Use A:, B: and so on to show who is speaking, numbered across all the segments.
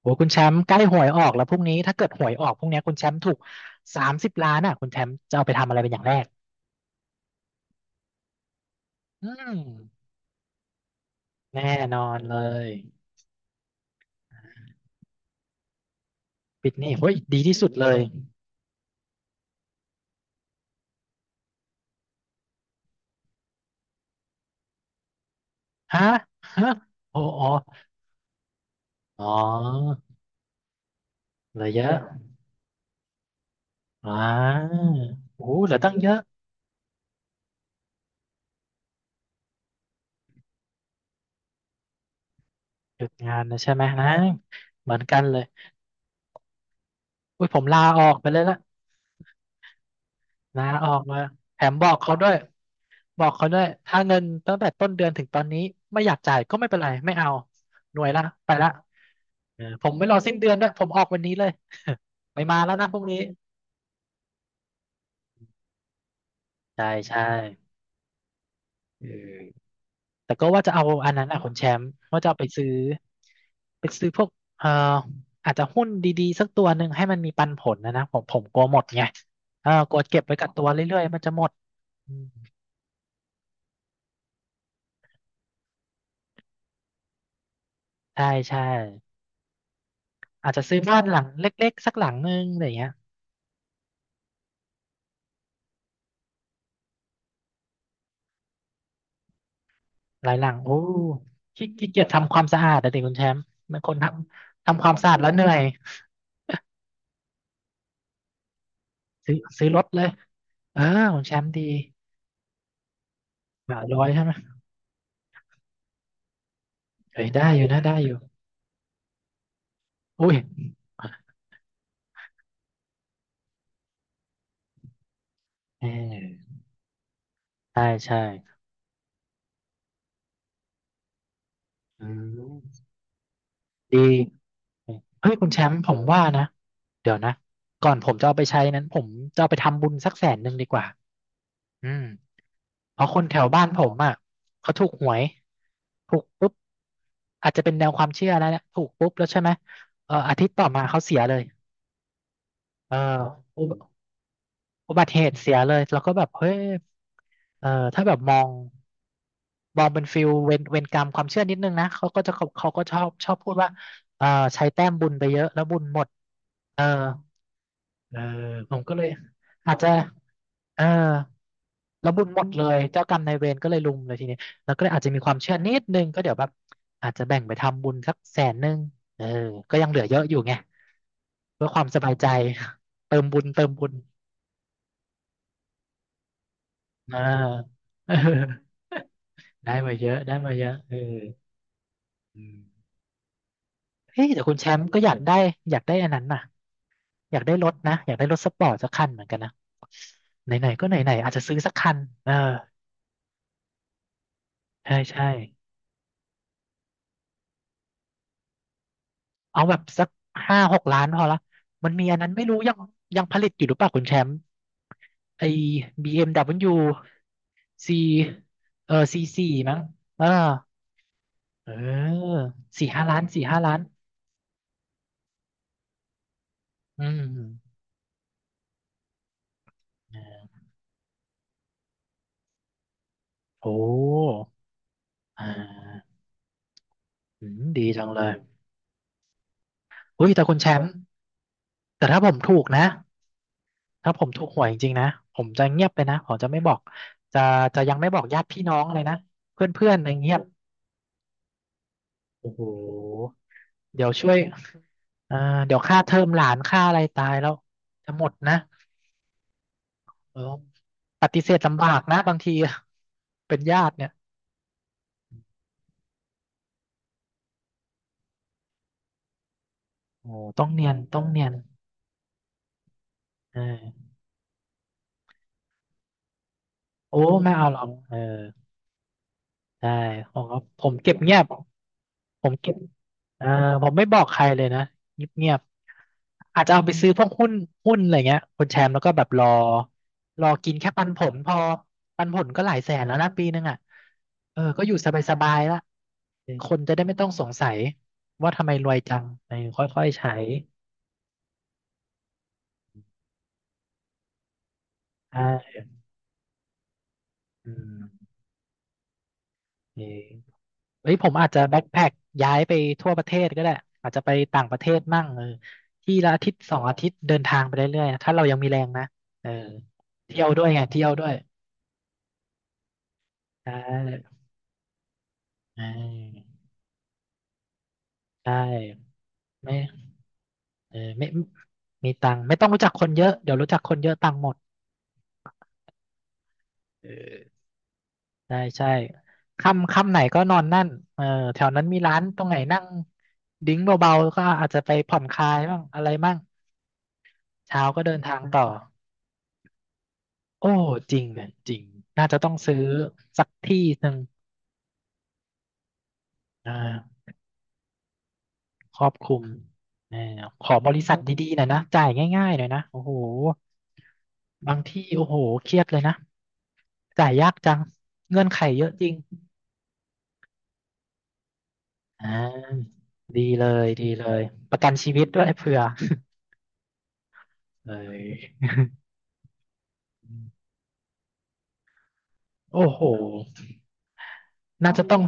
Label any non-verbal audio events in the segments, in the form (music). A: โอ้คุณแชมป์ใกล้หวยออกแล้วพรุ่งนี้ถ้าเกิดหวยออกพรุ่งเนี้ยคุณแชมป์ถูก30,000,000อ่ะคุณแชมป์จะเอาไปทำอะไรเป็นอย่างแรกอืมแน่นอนเลยปิดหนี่เฮ้ยดีที่สุดเลยฮะฮะโอ้อ๋ออ๋อเหลือเยอะอ่าโอ้โหเหลือตั้งเยอะหยุดงานนะใช่ไหมนะเหมือนกันเลยอุ้ยผมลาออกไปเลยละลาออกมาแถมบอกเขาด้วยบอกเขาด้วยถ้าเงินตั้งแต่ต้นเดือนถึงตอนนี้ไม่อยากจ่ายก็ไม่เป็นไรไม่เอาหน่วยละไปละ เออผมไม่รอสิ้นเดือนด้วยผมออกวันนี้เลย (laughs) ไม่มาแล้วนะพรุ่งนี้ใช่ใช่เออแต่ก็ว่าจะเอาอันนั้นอ่ะคุณแชมป์ว่าจะเอาไปซื้อไปซื้อพวกเอ่ออาจจะหุ้นดีๆสักตัวหนึ่งให้มันมีปันผลนะนะผมกลัวหมดไงเออกดเก็บไว้กับตัวเรื่อยๆมันจะหมดอืมใช่ใช่อาจจะซื้อบ้านหลังเล็กๆสักหลังหนึงอะไรอย่างเงี้ยหลายหลังโอ้ขี้เกียจทำความสะอาดนะเด็กคุณแชมป์เป็นคนทำความสะอาดแล้วเหนื่อยซื้อรถเลยเออคุณแชมป์ดี 300ใช่ไหมเอ้ยได้อยู่นะได้อยู่อุ้ยเออใช่ใช่อืมดีเฮ้ยคุณแชมป์ผมว่านะเดี๋ยวนะก่อนผมจะเอาไปใช้นั้นผมจะเอาไปทำบุญสักแสนหนึ่งดีกว่าอืมเพราะคนแถวบ้านผมอ่ะเขาถูกหวยถูกปุ๊บอาจจะเป็นแนวความเชื่อแล้วเนี่ยถูกปุ๊บแล้วใช่ไหมเอออาทิตย์ต่อมาเขาเสียเลยเอออุบอุบัติเหตุเสียเลยแล้วก็แบบเฮ้ยเออถ้าแบบมอง บอมเป็นฟิลเวรกรรมความเชื่อนิดนึงนะเขาก็จะเขาเขาก็ชอบพูดว่าเออใช้แต้มบุญไปเยอะแล้วบุญหมดเออเออผมก็เลยอาจจะเออแล้วบุญหมดเลยเจ้ากรรมนายเวรก็เลยลุมเลยทีนี้แล้วก็เลยอาจจะมีความเชื่อนิดนึงก็เดี๋ยวแบบอาจจะแบ่งไปทำบุญสักแสนนึงเออก็ยังเหลือเยอะอยู่ไงเพื่อความสบายใจ (laughs) เติมบุญเติมบุญอ่าเออ (laughs) ได้มาเยอะได้มาเยอะเอออืม เฮ้ยแต่คุณแชมป์ก็อยากได้อยากได้อันนั้นน่ะอยากได้รถนะอยากได้รถสปอร์ตสักคันเหมือนกันนะไหนๆก็ไหนๆอาจจะซื้อสักคันเออใช่ใช่เอาแบบสัก5-6 ล้านพอละมันมีอันนั้นไม่รู้ยังยังผลิตอยู่หรือเปล่าคุณแชมป์ไอ้ BMW C เออ C สี่มั้งเออเออสี่ห้าล้านสี่ห้าล้านอืมโอ้อ่าอืมดีจังเลยอุ้ยแต่คุณแชมป์แต่ถ้าผมถูกนะ ถ้าผมถูกหวยจริงๆนะผมจะเงียบไปนะผมจะไม่บอกจะจะยังไม่บอกญาติพี่น้องเลยนะเพื่อนๆอะไรเงียบโอ้โหเดี๋ยวช่วยเอ่อเดี๋ยวค่าเทอมหลานค่าอะไรตายแล้วจะหมดนะเออปฏิเสธลำบากนะบางที (laughs) เป็นญาติเนี่ยโอ้ต้องเนียนต้องเนียนเออโอ้ไม่เอาหรอกเออได้ผมก็ผมเก็บเงียบ ผมเก็บเออผมไม่บอกใครเลยนะเงียบๆอาจจะเอาไปซื้อพวกหุ้น หุ้นอะไรเงี้ยคุณแชมป์แล้วก็แบบรอรอกินแค่ปันผลพอปันผลก็หลายแสนแล้วนะปีนึงอ่ะเออก็อยู่สบายๆละคนจะได้ไม่ต้องสงสัยว่าทำไมรวยจังเออค่อยๆ ใช้อ่าอืม เฮ้ยผมอาจจะแบ็คแพ็คย้ายไปทั่วประเทศก็ได้อาจจะไปต่างประเทศมั่งเออที่ละอาทิตย์สองอาทิตย์เดินทางไปเรื่อยๆนะถ้าเรายังมีแรงนะเออเที่ยวด้วยไงเที่ยวด้วยใช่ใช่ใช่ไม่เออไม่ไมมีตังค์ไม่ต้องรู้จักคนเยอะเดี๋ยวรู้จักคนเยอะตังค์หมดเออใช่ใช่ค่ำค่ำไหนก็นอนนั่นเออแถวนั้นมีร้านตรงไหนนั่งดิ้งเบาๆก็อาจจะไปผ่อนคลายบ้างอะไรบ้างเช้าก็เดินทางต่อ โอ้จริงเนี่ยจริงน่าจะต้องซื้อสักที่หนึ่งอ่าครอบคลุมอ่าขอบริษัทดีๆหน่อยนะจ่ายง่ายๆหน่อยนะโอ้โหบางที่โอ้โหเครียดเลยนะจ่ายยากจังเงื่อนไขเยอะจริงอ่าดีเลยดีเลยประกันชีวิตด้วยเผื่อเอยโอ้โหน่าจะต้อง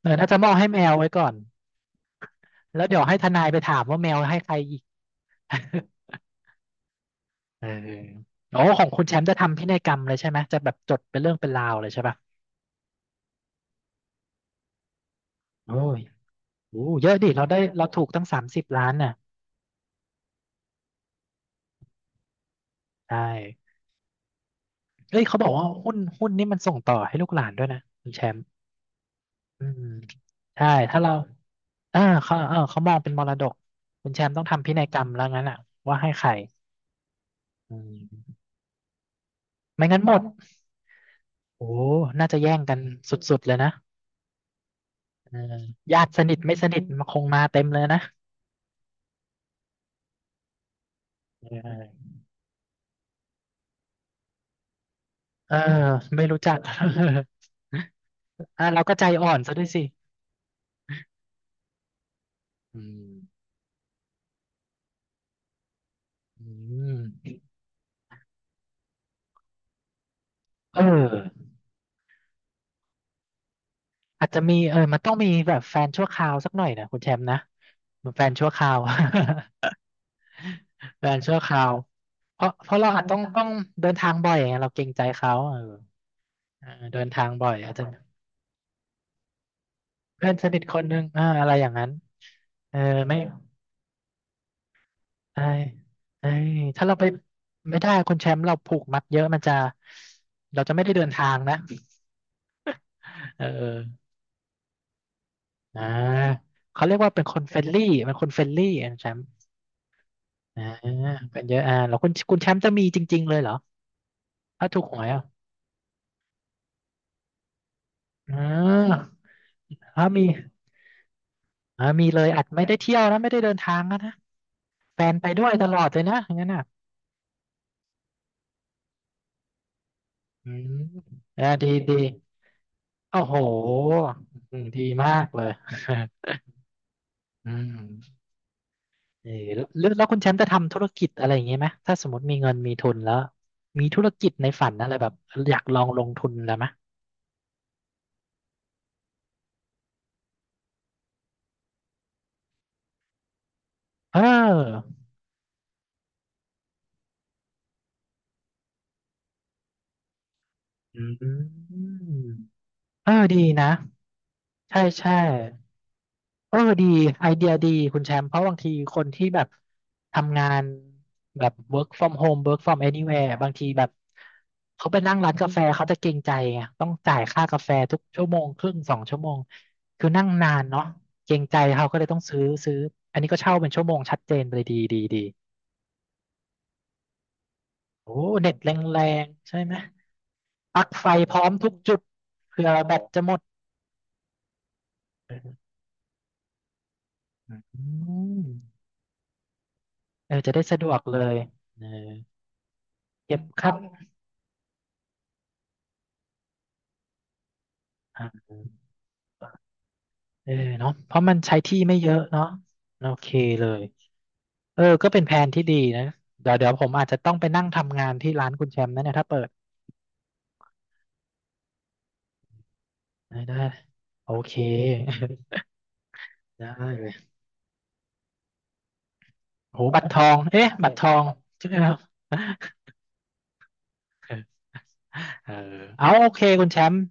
A: เออน่าจะมอบให้แมวไว้ก่อนแล้วเดี๋ยวให้ทนายไปถามว่าแมวให้ใครอีก เออโอ้ของคุณแชมป์จะทำพินัยกรรมเลยใช่ไหมจะแบบจดเป็นเรื่องเป็นราวเลยใช่ป่ะโอ้ยโอ้เยอะดิเราได้เราถูกตั้ง30 ล้านน่ะใช่เอ้ยเขาบอกว่าหุ้นนี่มันส่งต่อให้ลูกหลานด้วยนะคุณแชมป์อืมใช่ถ้าเราเขาเออเขามองเป็นมรดกคุณแชมป์ต้องทำพินัยกรรมแล้วงั้นอ่ะว่าให้ใครอืมไม่งั้นหมดโอ้น่าจะแย่งกันสุดๆเลยนะเออญาติสนิทไม่สนิทมาคงมาเต็มเลยนะเออเออไม่รู้จัก (laughs) อ่ะเราก็ใจอ่อนซะด้วยสิอืมอืมเอออาจจะมีเออมันต้องมีแบบแฟนชั่วคราวสักหน่อยนะคุณแชมป์นะมันแฟนชั่วคราว (laughs) แฟนชั่วคราวเพราะเราอาจต้องเดินทางบ่อยอย่างเงี้ยเราเกรงใจเขาเออเออเดินทางบ่อยอาจจะเพื่อนสนิทคนนึงอะไรอย่างนั้นเออไม่ไอ้ไอ้ยถ้าเราไปไม่ได้คุณแชมป์เราผูกมัดเยอะมันจะเราจะไม่ได้เดินทางนะเออ อ่าเขาเรียกว่าเป็นคนเฟรนลี่เป็นคนเฟรนลี่อ่ะแชมป์อ่าเป็นเยอะอ่าแล้วคุณแชมป์จะมีจริงๆเลยเหรอถ้าถูกหวยอ่ะอ่าถ้ามีอ่ามีเลยอาจไม่ได้เที่ยวนะไม่ได้เดินทางนะนะแฟนไปด้วยตลอดเลยนะอย่างนั้นน่ะอืมอ่าดีดีโอ้โหอืมดีมากเลย (laughs) อืมเออแล้วคุณแชมป์จะทำธุรกิจอะไรอย่างงี้ไหมถ้าสมมติมีเงินมีทุนแล้วมีธุรกิจในฝันอะไรแบบอยากลองลงทุนแล้วไหมเออ อืมเออดีนะใช่ใช่เออดีไอเดียดีคุณแชมป์เพราะบางทีคนที่แบบทำงานแบบ work from home work from anywhere บางทีแบบเขาไปนั่งร้านกาแฟเขาจะเกรงใจไงต้องจ่ายค่ากาแฟทุกชั่วโมงครึ่ง2 ชั่วโมงคือนั่งนานเนาะเกรงใจเขาก็เลยต้องซื้ออันนี้ก็เช่าเป็นชั่วโมงชัดเจนไปเลยดีดีดีโอ้เน็ตแรงๆใช่ไหมปลั๊กไฟพร้อมทุกจุดเผื่อแบตจะหมดอืม เออจะได้สะดวกเลยเออเก็บครัเอาอยนะอ่าเออเนาะเพราะมันใช้ที่ไม่เยอะเนาะโอเคเลยเออก็เป็นแผนที่ดีนะเดี๋ยวผมอาจจะต้องไปนั่งทำงานที่ร้านคุณแชมป์นะเนี่ยถ้าเปิดได้ได้โอเค (laughs) ได้เลยโหบัตรทองเอ๊ะบัตรทองใช่ไหมครับ (laughs) เออเอาโอเคคุณแชมป์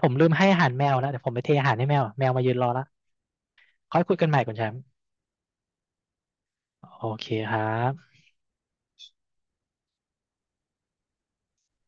A: ผมลืมให้อาหารแมวแล้วเดี๋ยวผมไปเทอาหารให้แมวแมวมายืนรอละค่อยคุยกันใหม่คุณแชมป์โอเคครับ